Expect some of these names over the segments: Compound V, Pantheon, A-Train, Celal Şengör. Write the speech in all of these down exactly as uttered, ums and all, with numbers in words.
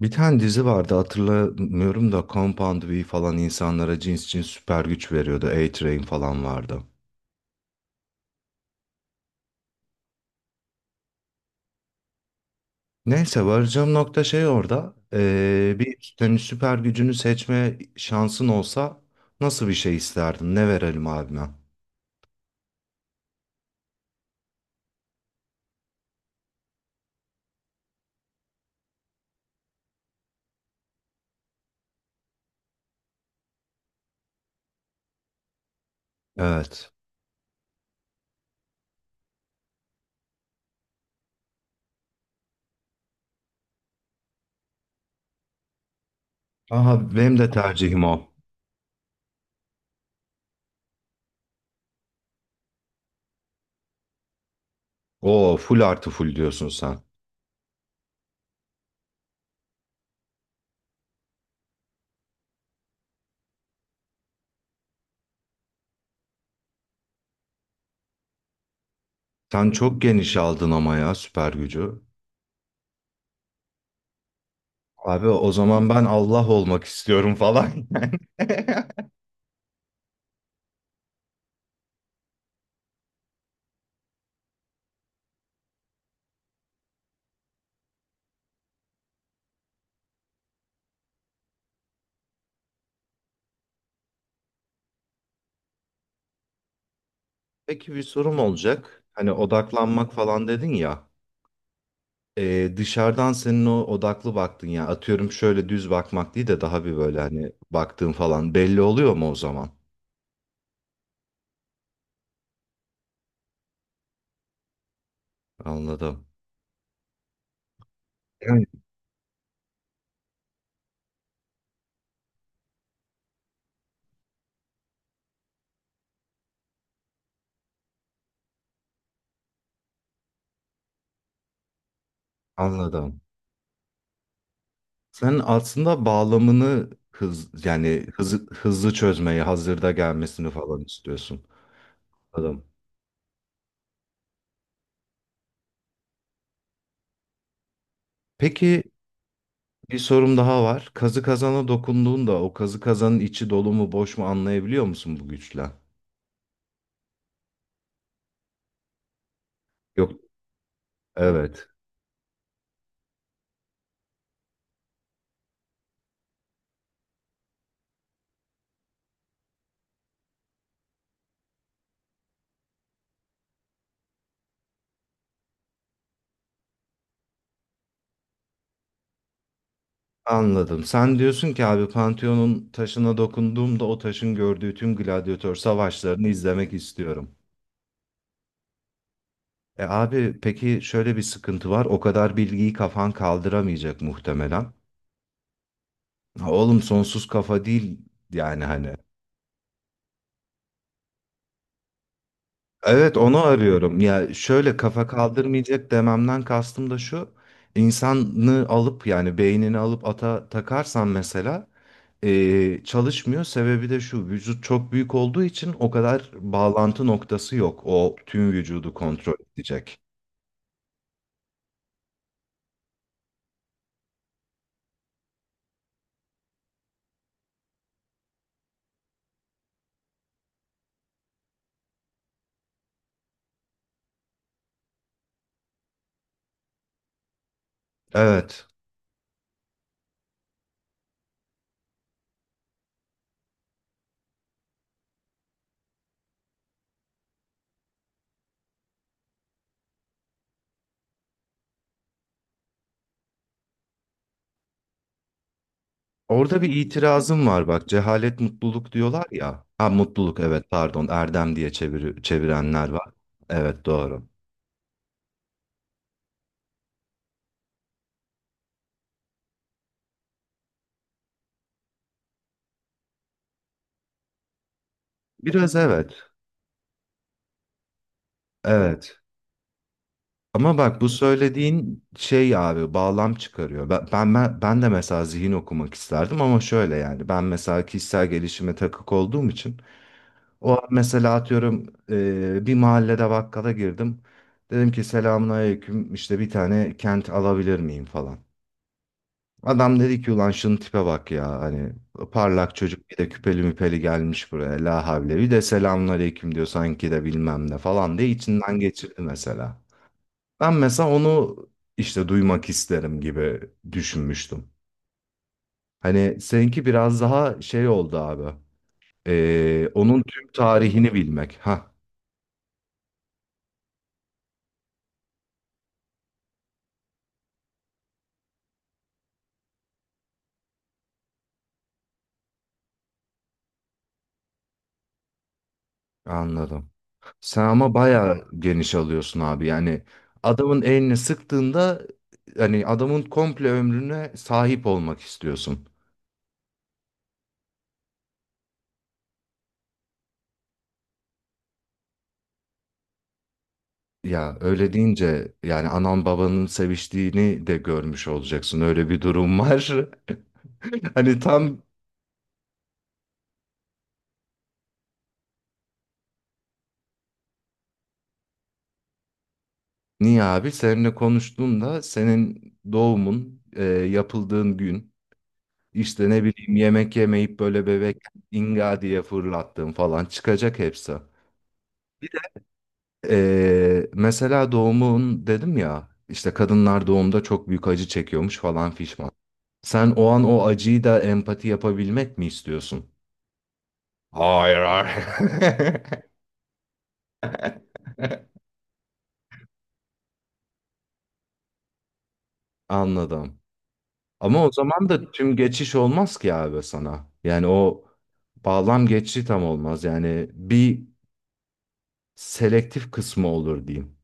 Bir tane dizi vardı, hatırlamıyorum da, Compound V falan insanlara cins cins süper güç veriyordu. A-Train falan vardı. Neyse, varacağım nokta şey orada. Ee, bir, senin süper gücünü seçme şansın olsa nasıl bir şey isterdin? Ne verelim abime? Evet. Aha, benim de tercihim o. Oo, full artı full diyorsun sen. Sen çok geniş aldın ama ya süper gücü. Abi, o zaman ben Allah olmak istiyorum falan. Peki, bir sorum olacak. Hani odaklanmak falan dedin ya. Ee, dışarıdan senin o odaklı baktın ya. Atıyorum, şöyle düz bakmak değil de daha bir böyle, hani baktığın falan belli oluyor mu o zaman? Anladım. Yani anladım. Sen aslında bağlamını hız, yani hızı, hızlı çözmeyi, hazırda gelmesini falan istiyorsun. Anladım. Peki, bir sorum daha var. Kazı kazana dokunduğunda o kazı kazanın içi dolu mu boş mu anlayabiliyor musun bu güçle? Yok. Evet. Anladım. Sen diyorsun ki abi, Pantheon'un taşına dokunduğumda o taşın gördüğü tüm gladyatör savaşlarını izlemek istiyorum. E abi, peki şöyle bir sıkıntı var. O kadar bilgiyi kafan kaldıramayacak muhtemelen. Ha, oğlum, sonsuz kafa değil yani hani. Evet, onu arıyorum. Ya şöyle, kafa kaldırmayacak dememden kastım da şu. İnsanı alıp, yani beynini alıp ata takarsan mesela, eee, çalışmıyor. Sebebi de şu: vücut çok büyük olduğu için o kadar bağlantı noktası yok. O tüm vücudu kontrol edecek. Evet. Orada bir itirazım var bak. Cehalet mutluluk diyorlar ya. Ha, mutluluk, evet, pardon, erdem diye çeviri- çevirenler var. Evet, doğru. Biraz, evet. Evet, ama bak bu söylediğin şey abi bağlam çıkarıyor. Ben, ben, ben ben de mesela zihin okumak isterdim ama şöyle, yani ben mesela kişisel gelişime takık olduğum için o an mesela atıyorum, e, bir mahallede bakkala girdim. Dedim ki selamun aleyküm, işte bir tane kent alabilir miyim falan. Adam dedi ki ulan şunun tipe bak ya, hani parlak çocuk, bir de küpeli müpeli gelmiş buraya, la havle, bir de selamun aleyküm diyor sanki de bilmem ne falan diye içinden geçirdi mesela. Ben mesela onu işte duymak isterim gibi düşünmüştüm. Hani seninki biraz daha şey oldu abi. Ee, onun tüm tarihini bilmek. Ha, anladım. Sen ama bayağı geniş alıyorsun abi. Yani adamın elini sıktığında hani adamın komple ömrüne sahip olmak istiyorsun. Ya öyle deyince yani anan babanın seviştiğini de görmüş olacaksın. Öyle bir durum var. Hani tam. Niye abi? Seninle konuştuğumda senin doğumun, e, yapıldığın gün, işte ne bileyim, yemek yemeyip böyle bebek inga diye fırlattığın falan çıkacak hepsi. E, mesela doğumun dedim ya, işte kadınlar doğumda çok büyük acı çekiyormuş falan fişman. Sen o an o acıyı da empati yapabilmek mi istiyorsun? Hayır, hayır. Anladım. Ama o zaman da tüm geçiş olmaz ki abi sana. Yani o bağlam geçişi tam olmaz. Yani bir selektif kısmı olur diyeyim.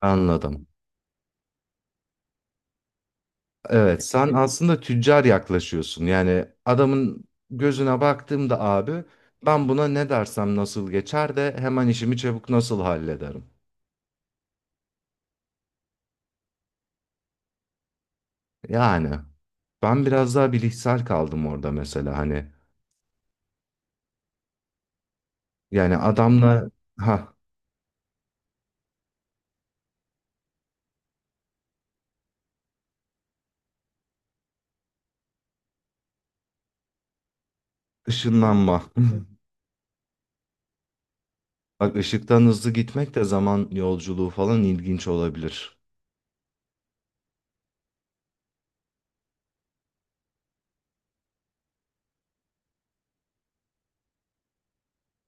Anladım. Evet, sen aslında tüccar yaklaşıyorsun. Yani adamın gözüne baktığımda abi, ben buna ne dersem nasıl geçer de hemen işimi çabuk nasıl hallederim. Yani ben biraz daha bilişsel kaldım orada mesela hani. Yani adamla ha ışınlanma. Bak, ışıktan hızlı gitmek de zaman yolculuğu falan ilginç olabilir.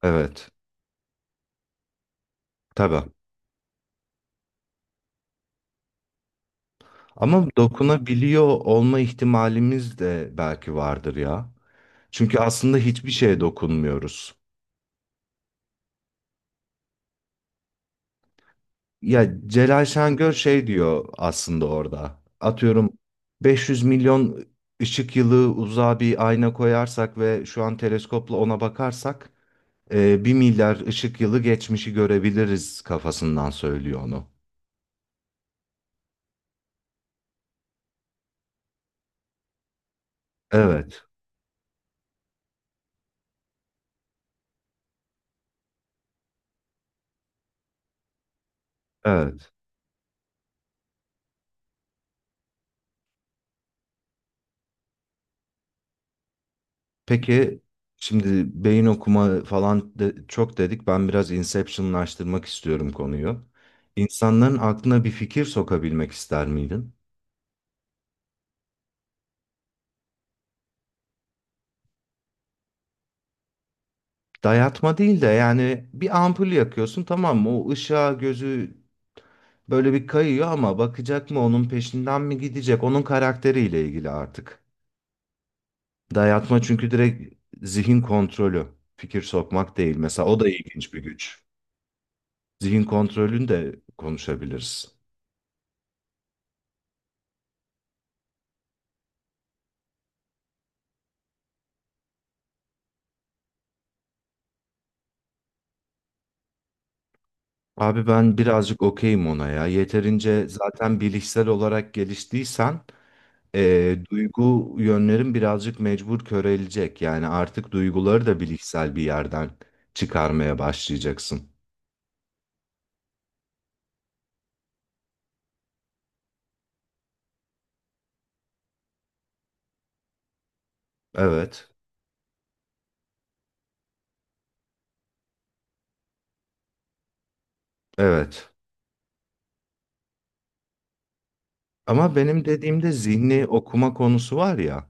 Evet, tabii. Ama dokunabiliyor olma ihtimalimiz de belki vardır ya. Çünkü aslında hiçbir şeye dokunmuyoruz. Ya Celal Şengör şey diyor aslında orada. Atıyorum, beş yüz milyon ışık yılı uzağa bir ayna koyarsak ve şu an teleskopla ona bakarsak, e, bir milyar ışık yılı geçmişi görebiliriz kafasından söylüyor onu. Evet, evet. Peki, şimdi beyin okuma falan de- çok dedik. Ben biraz inceptionlaştırmak istiyorum konuyu. İnsanların aklına bir fikir sokabilmek ister miydin? Dayatma değil de yani bir ampul yakıyorsun, tamam mı? O ışığa gözü böyle bir kayıyor ama bakacak mı, onun peşinden mi gidecek? Onun karakteriyle ilgili artık. Dayatma çünkü direkt zihin kontrolü. Fikir sokmak değil. Mesela o da ilginç bir güç. Zihin kontrolünü de konuşabiliriz. Abi, ben birazcık okeyim ona ya. Yeterince zaten bilişsel olarak geliştiysen eee, duygu yönlerin birazcık mecbur körelecek. Yani artık duyguları da bilişsel bir yerden çıkarmaya başlayacaksın. Evet, evet. Ama benim dediğimde zihni okuma konusu var ya.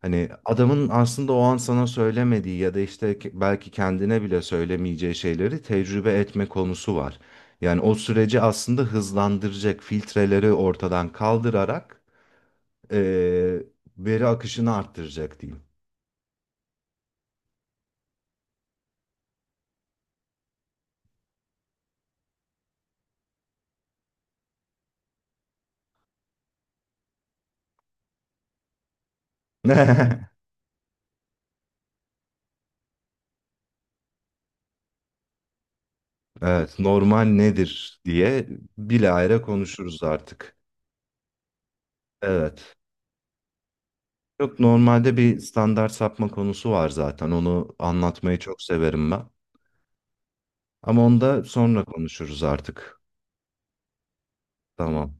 Hani adamın aslında o an sana söylemediği ya da işte ke- belki kendine bile söylemeyeceği şeyleri tecrübe etme konusu var. Yani o süreci aslında hızlandıracak filtreleri ortadan kaldırarak, eee, veri akışını arttıracak diyeyim. Evet, normal nedir diye bilahare konuşuruz artık. Evet. Çok normalde bir standart sapma konusu var zaten. Onu anlatmayı çok severim ben. Ama onu da sonra konuşuruz artık. Tamam.